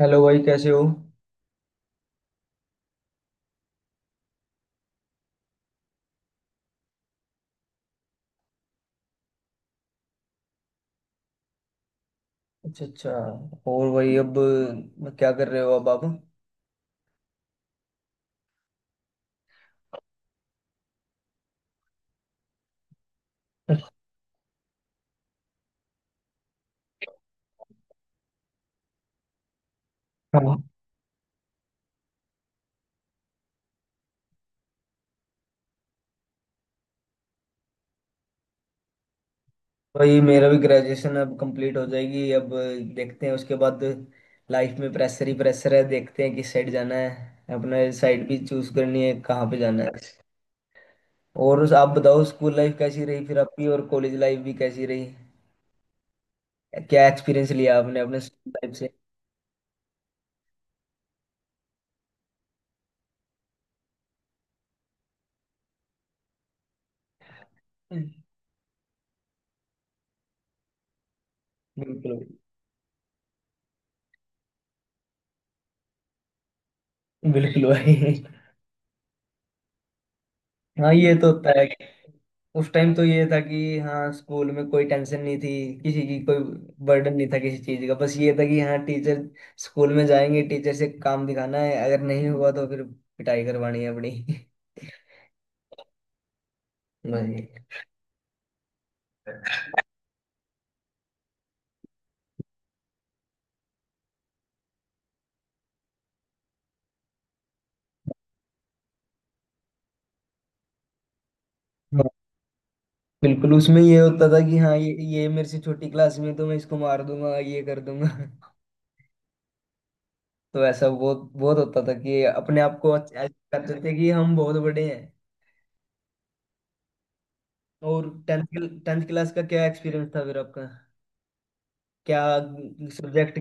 Hello भाई, कैसे हो? अच्छा अच्छा। और भाई, अब क्या कर रहे हो अब आप? हाँ, भाई मेरा भी ग्रेजुएशन अब कंप्लीट हो जाएगी अब। देखते हैं उसके बाद। लाइफ में प्रेशर ही प्रेशर है, देखते हैं किस साइड जाना है, अपने साइड भी चूज करनी है कहाँ पे जाना है। और आप बताओ, स्कूल लाइफ कैसी रही फिर आपकी, और कॉलेज लाइफ भी कैसी रही? क्या एक्सपीरियंस लिया आपने अपने स्कूल लाइफ से? बिल्कुल भाई। बिल्कुल भाई। हाँ, ये तो होता है। उस टाइम तो ये था कि हाँ, स्कूल में कोई टेंशन नहीं थी, किसी की कोई बर्डन नहीं था किसी चीज का। बस ये था कि हाँ टीचर, स्कूल में जाएंगे, टीचर से काम दिखाना है, अगर नहीं हुआ तो फिर पिटाई करवानी है अपनी। बस ये। हाँ, बिल्कुल। उसमें ये होता था कि हाँ, ये मेरे से छोटी क्लास में है, तो मैं इसको मार दूंगा, ये कर दूंगा। तो ऐसा बहुत बहुत होता था कि अपने आप को ऐसा करते थे कि हम बहुत बड़े हैं। और टेंथ टेंथ क्लास का क्या एक्सपीरियंस था फिर आपका? क्या सब्जेक्ट?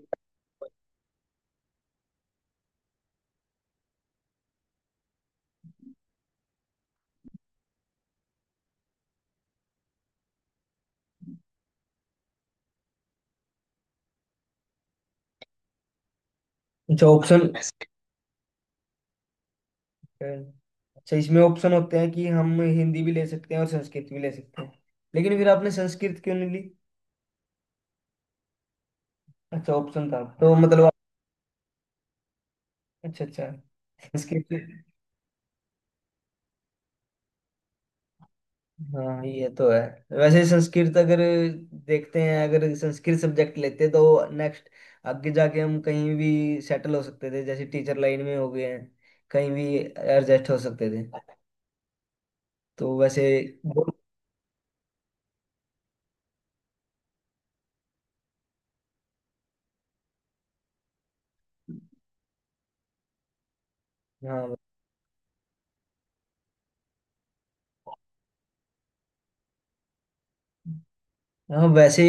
अच्छा ऑप्शन। Current। अच्छा, इसमें ऑप्शन होते हैं कि हम हिंदी भी ले सकते हैं और संस्कृत भी ले सकते हैं, लेकिन फिर आपने संस्कृत क्यों नहीं ली? अच्छा, ऑप्शन था तो मतलब अच्छा अच्छा। संस्कृत। हाँ, ये तो है। वैसे संस्कृत अगर, देखते हैं अगर संस्कृत सब्जेक्ट लेते तो नेक्स्ट, आगे जाके हम कहीं भी सेटल हो सकते थे, जैसे टीचर लाइन में हो गए हैं, कहीं भी एडजस्ट हो सकते थे। तो वैसे हाँ हाँ, वैसे।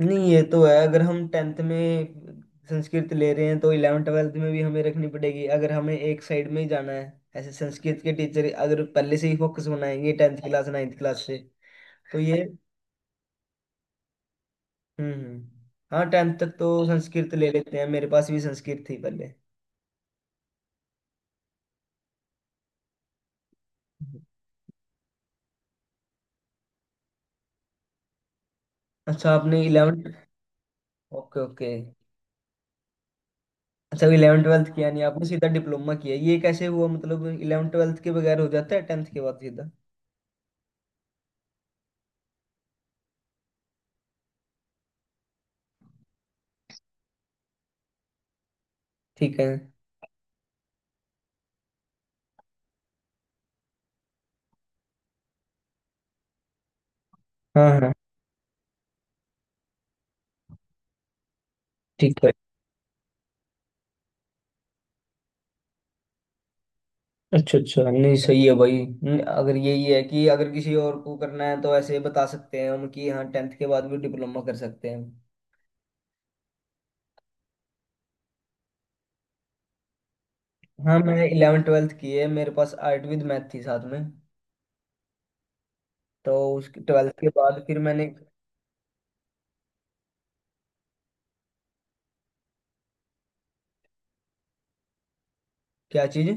नहीं, ये तो है। अगर हम टेंथ में संस्कृत ले रहे हैं तो इलेवन ट्वेल्थ में भी हमें रखनी पड़ेगी, अगर हमें एक साइड में ही जाना है। ऐसे संस्कृत के टीचर अगर पहले से ही फोकस बनाएंगे टेंथ क्लास नाइन्थ क्लास से, तो ये। हम्म। हाँ, टेंथ तक तो संस्कृत ले लेते हैं, मेरे पास भी संस्कृत थी पहले। अच्छा, आपने इलेवन? Okay okay. अच्छा, इलेवन ट्वेल्थ किया नहीं आपने, सीधा डिप्लोमा किया, ये कैसे हुआ? मतलब इलेवन ट्वेल्थ के बगैर हो जाता है टेंथ के बाद सीधा? ठीक है। हाँ हाँ। ठीक है। अच्छा अच्छा, नहीं सही है भाई। अगर यही है कि अगर किसी और को करना है तो ऐसे बता सकते हैं हम कि हाँ, टेंथ के बाद भी डिप्लोमा कर सकते हैं। हाँ, मैंने इलेवन ट्वेल्थ की है, मेरे पास आर्ट विद मैथ थी साथ में। तो उस ट्वेल्थ के बाद फिर मैंने, क्या चीज़?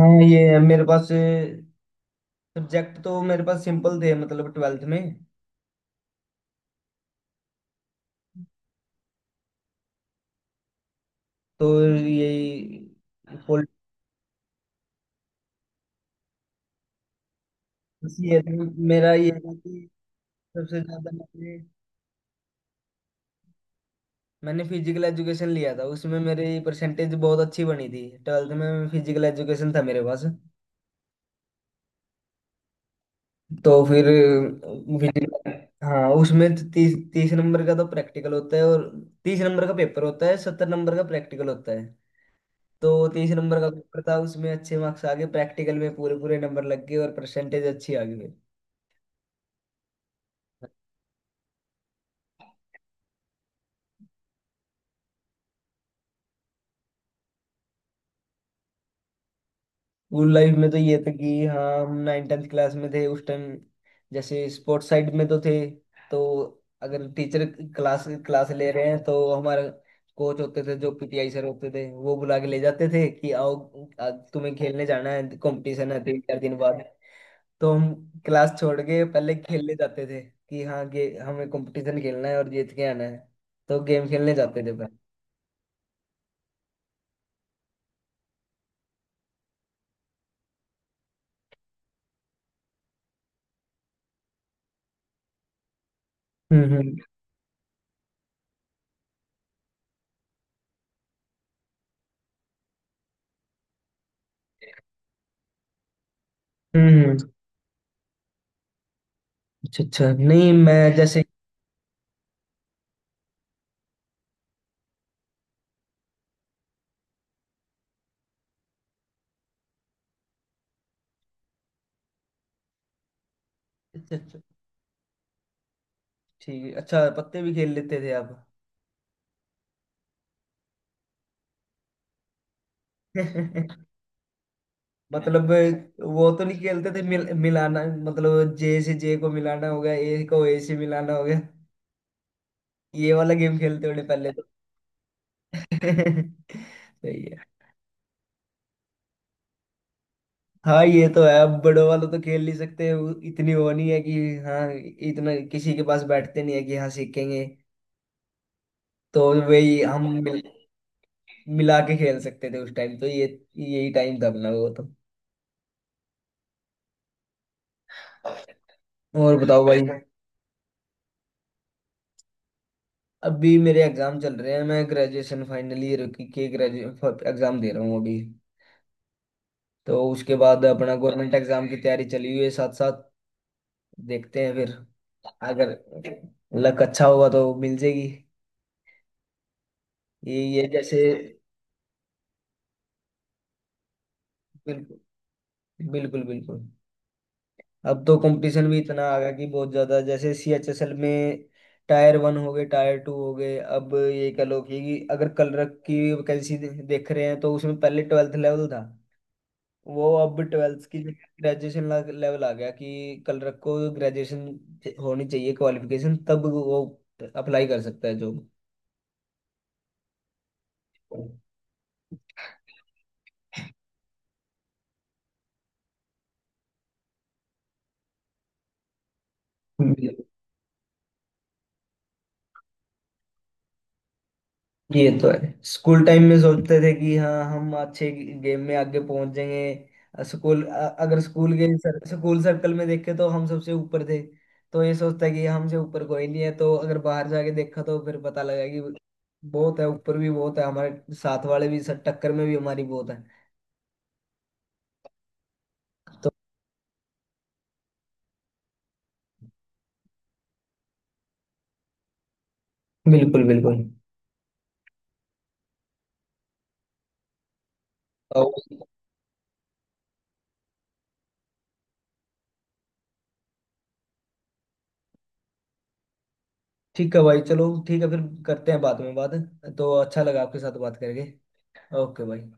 हाँ ये है, मेरे पास सब्जेक्ट तो मेरे पास सिंपल थे मतलब ट्वेल्थ में। तो यही, पॉलिटिक्स ये था। मेरा ये था कि सबसे ज्यादा मैंने, मैंने फिजिकल एजुकेशन लिया था। उसमें मेरी परसेंटेज बहुत अच्छी बनी थी ट्वेल्थ में, फिजिकल एजुकेशन था मेरे पास। तो फिर फिजिकल, हाँ उसमें 30-30 नंबर का तो प्रैक्टिकल होता है और 30 नंबर का पेपर होता है, 70 नंबर का प्रैक्टिकल होता है। तो 30 नंबर का पेपर था, उसमें अच्छे मार्क्स आ गए, प्रैक्टिकल में पूरे पूरे नंबर लग गए और परसेंटेज अच्छी आ गई। स्कूल लाइफ में तो ये था कि हाँ, हम नाइन टेंथ क्लास में थे उस टाइम। जैसे स्पोर्ट्स साइड में तो थे, तो अगर टीचर क्लास क्लास ले रहे हैं तो हमारे कोच होते थे, जो PTI सर होते थे, वो बुला के ले जाते थे कि आओ, आज तुम्हें खेलने जाना है, कंपटीशन है 3-4 दिन बाद। तो हम क्लास छोड़ के पहले खेलने जाते थे कि हाँ गे, हमें कंपटीशन खेलना है और जीत के आना है। तो गेम खेलने जाते थे पहले। हम्म। हम्म, अच्छा अच्छा, नहीं मैं जैसे, अच्छा अच्छा। ठीक है। अच्छा, पत्ते भी खेल लेते थे आप? हाँ, मतलब वो तो नहीं खेलते थे, मिलाना, मतलब जे से जे को मिलाना हो गया, ए को ए से मिलाना हो गया, ये वाला गेम खेलते होंगे पहले तो। सही है। हाँ, ये तो है, अब बड़ों वालों तो खेल नहीं सकते, वो इतनी वो नहीं है कि हाँ, इतना किसी के पास बैठते नहीं है कि हाँ सीखेंगे। तो वही हम मिला के खेल सकते थे उस टाइम, तो ये यही टाइम था अपना वो तो। और बताओ भाई, अभी मेरे एग्जाम चल रहे हैं, मैं ग्रेजुएशन फाइनल ईयर की के ग्रेजुएट एग्जाम दे रहा हूँ अभी। तो उसके बाद अपना गवर्नमेंट एग्जाम की तैयारी चली हुई है साथ साथ। देखते हैं फिर, अगर लक अच्छा होगा तो मिल जाएगी। ये जैसे, बिल्कुल। बिल्कुल बिल्कुल। अब तो कंपटीशन भी इतना आ गया कि बहुत ज्यादा, जैसे CHSL में टायर 1 हो गए, टायर 2 हो गए। अब ये कह लो कि अगर कलर की वैकेंसी देख रहे हैं तो उसमें पहले ट्वेल्थ लेवल था, वो अब ट्वेल्थ की जगह ग्रेजुएशन लेवल आ गया कि कलरक को ग्रेजुएशन होनी चाहिए क्वालिफिकेशन, तब वो अप्लाई कर सकता है जॉब। ये तो है, स्कूल टाइम में सोचते थे कि हाँ, हम अच्छे गेम में आगे पहुंच जाएंगे स्कूल, अगर स्कूल के स्कूल सर्कल में देखे तो हम सबसे ऊपर थे, तो ये सोचता है कि हमसे ऊपर कोई नहीं है। तो अगर बाहर जाके देखा तो फिर पता लगा कि बहुत है, ऊपर भी बहुत है, हमारे साथ वाले भी, सर टक्कर में भी हमारी बहुत है। तो बिल्कुल बिल्कुल। और ठीक है भाई, चलो ठीक है फिर, करते हैं बाद में बात। तो अच्छा लगा आपके साथ बात करके। ओके भाई।